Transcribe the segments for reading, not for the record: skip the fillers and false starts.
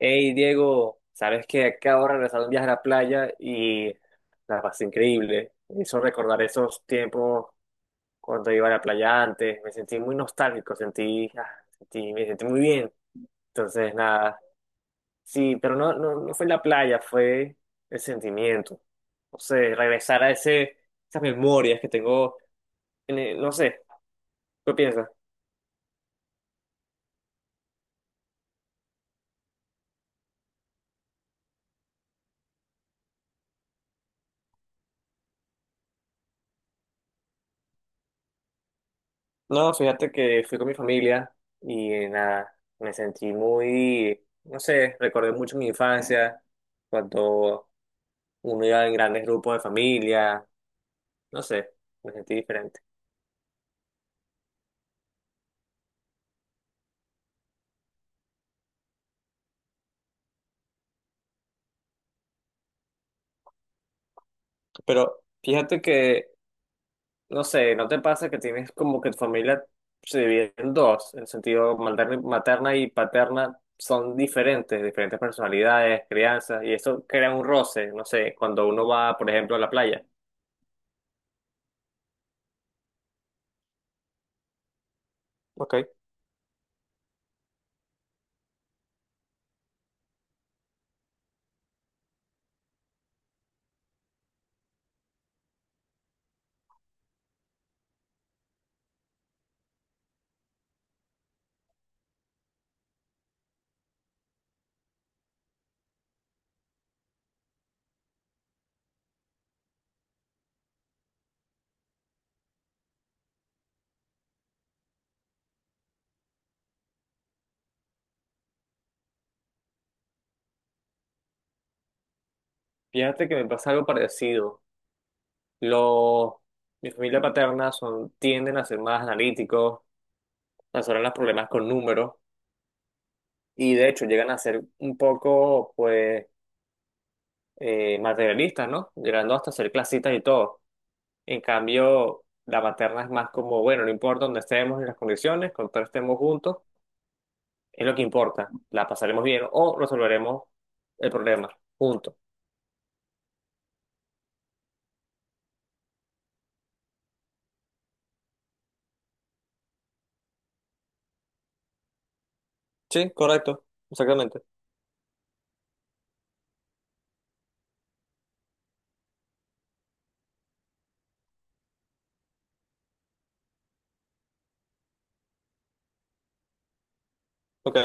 Hey Diego, sabes que acabo de regresar de un viaje a la playa y la pasé increíble. Me hizo recordar esos tiempos cuando iba a la playa antes. Me sentí muy nostálgico, me sentí muy bien. Entonces, nada. Sí, pero no fue la playa, fue el sentimiento. No sé, regresar a esas memorias que tengo, no sé, ¿qué piensas? No, fíjate que fui con mi familia y nada, me sentí muy, no sé, recordé mucho mi infancia, cuando uno iba en grandes grupos de familia, no sé, me sentí diferente. Pero fíjate que, no sé, ¿no te pasa que tienes como que tu familia se divide en dos? En el sentido materna y paterna son diferentes, diferentes personalidades, crianzas, y eso crea un roce, no sé, cuando uno va, por ejemplo, a la playa. Ok. Fíjate que me pasa algo parecido. Los, Mi familia paterna son, tienden a ser más analíticos, resuelven los problemas con números, y de hecho llegan a ser un poco, pues, materialistas, ¿no? Llegando hasta ser clasistas y todo. En cambio, la materna es más como, bueno, no importa dónde estemos ni las condiciones, con todos estemos juntos, es lo que importa. La pasaremos bien o resolveremos el problema juntos. Sí, correcto, exactamente. Ok,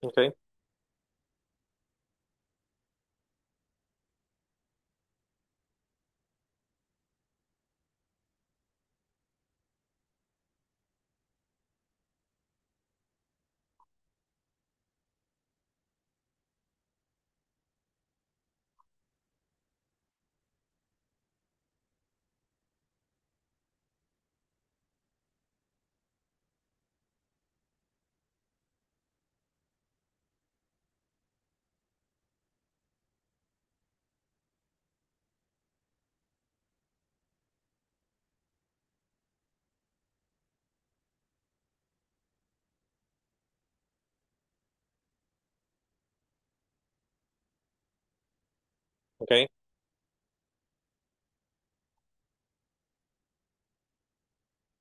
ok, ok.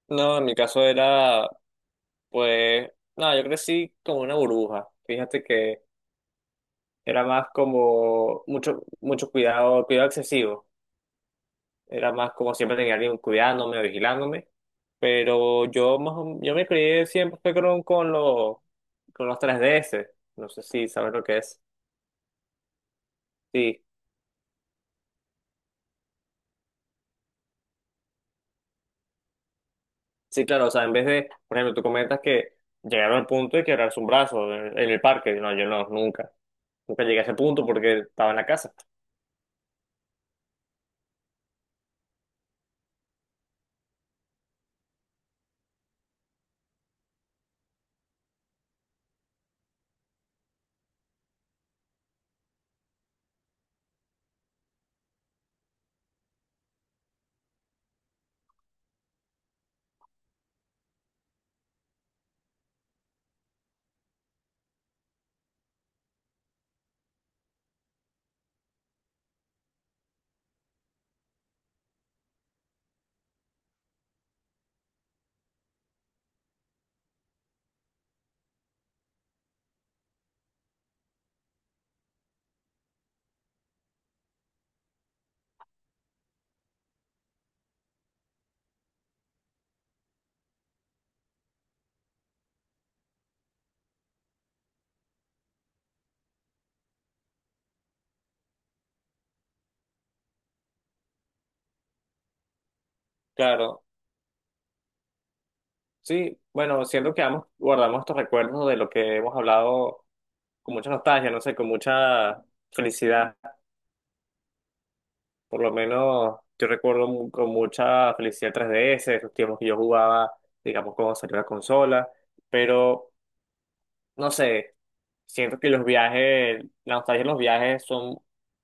No, en mi caso era, pues, nada, yo crecí como una burbuja. Fíjate que era más como mucho cuidado, cuidado excesivo. Era más como siempre tenía alguien cuidándome o vigilándome. Pero yo más, yo me crié siempre fue con los 3DS. No sé si sabes lo que es. Sí, sí, claro. O sea, en vez de, por ejemplo, tú comentas que llegaron al punto de quebrarse un brazo en el parque. No, yo no, nunca. Nunca llegué a ese punto porque estaba en la casa. Claro, sí, bueno, siento que ambos guardamos estos recuerdos de lo que hemos hablado con mucha nostalgia, no sé, con mucha felicidad. Por lo menos yo recuerdo con mucha felicidad 3DS, esos tiempos que yo jugaba, digamos, cuando salió la consola, pero no sé, siento que los viajes, la nostalgia en los viajes son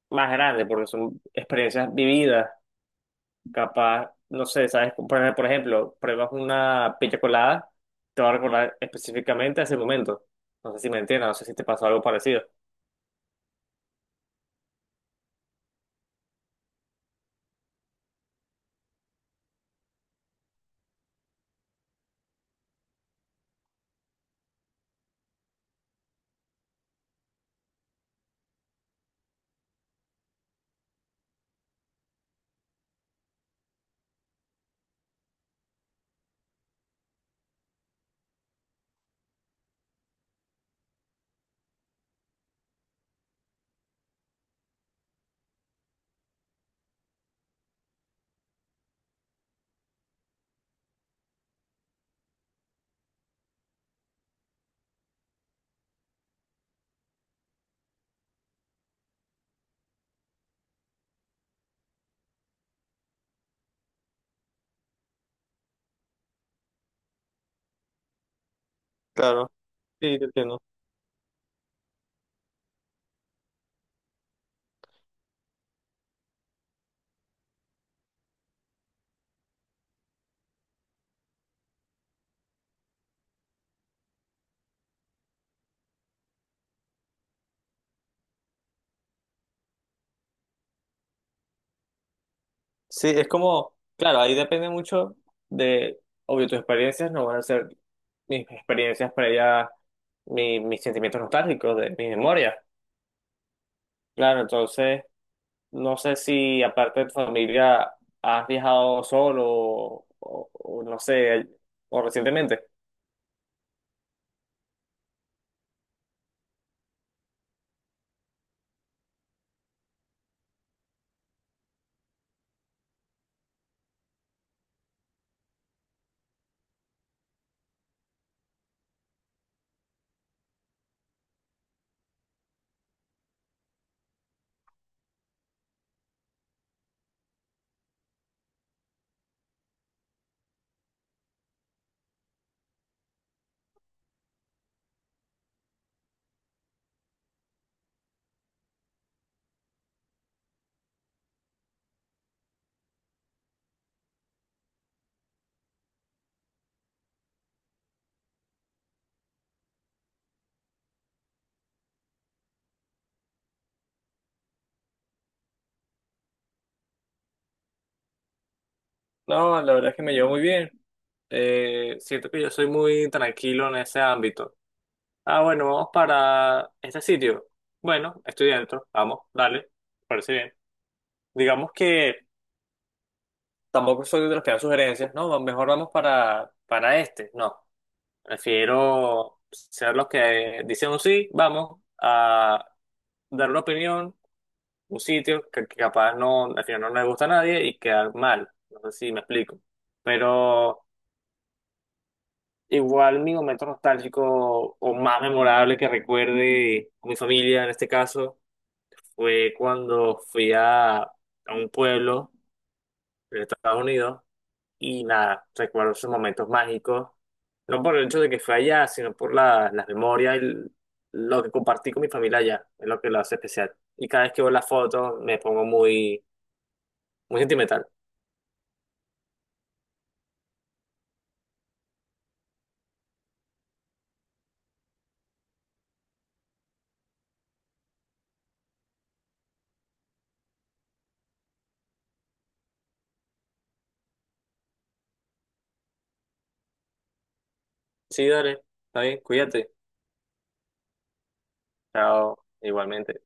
más grandes porque son experiencias vividas. Capaz, no sé, ¿sabes? Por ejemplo, pruebas una piña colada, te va a recordar específicamente a ese momento. No sé si me entiendes, no sé si te pasó algo parecido. Claro, sí, te entiendo. Sí, es como, claro, ahí depende mucho de, obvio, tus experiencias no van a ser mis experiencias previas, mis sentimientos nostálgicos, de mis memorias. Claro, entonces, no sé si aparte de tu familia has viajado solo o no sé, o recientemente. No, la verdad es que me llevo muy bien. Siento que yo soy muy tranquilo en ese ámbito. Ah, bueno, vamos para este sitio. Bueno, estoy dentro. Vamos, dale. Parece bien. Digamos que tampoco soy de los que dan sugerencias, ¿no? Mejor vamos para este. No, prefiero ser los que dicen un sí, vamos, a dar una opinión, un sitio que capaz no, al final no le gusta a nadie y quedar mal. No sé si me explico. Pero... Igual mi momento nostálgico o más memorable que recuerde con mi familia en este caso fue cuando fui a un pueblo de Estados Unidos y nada, recuerdo esos momentos mágicos, no por el hecho de que fue allá, sino por las memorias y lo que compartí con mi familia allá, es lo que lo hace especial. Y cada vez que veo las fotos me pongo muy sentimental. Sí, dale, está bien, cuídate. Chao, igualmente.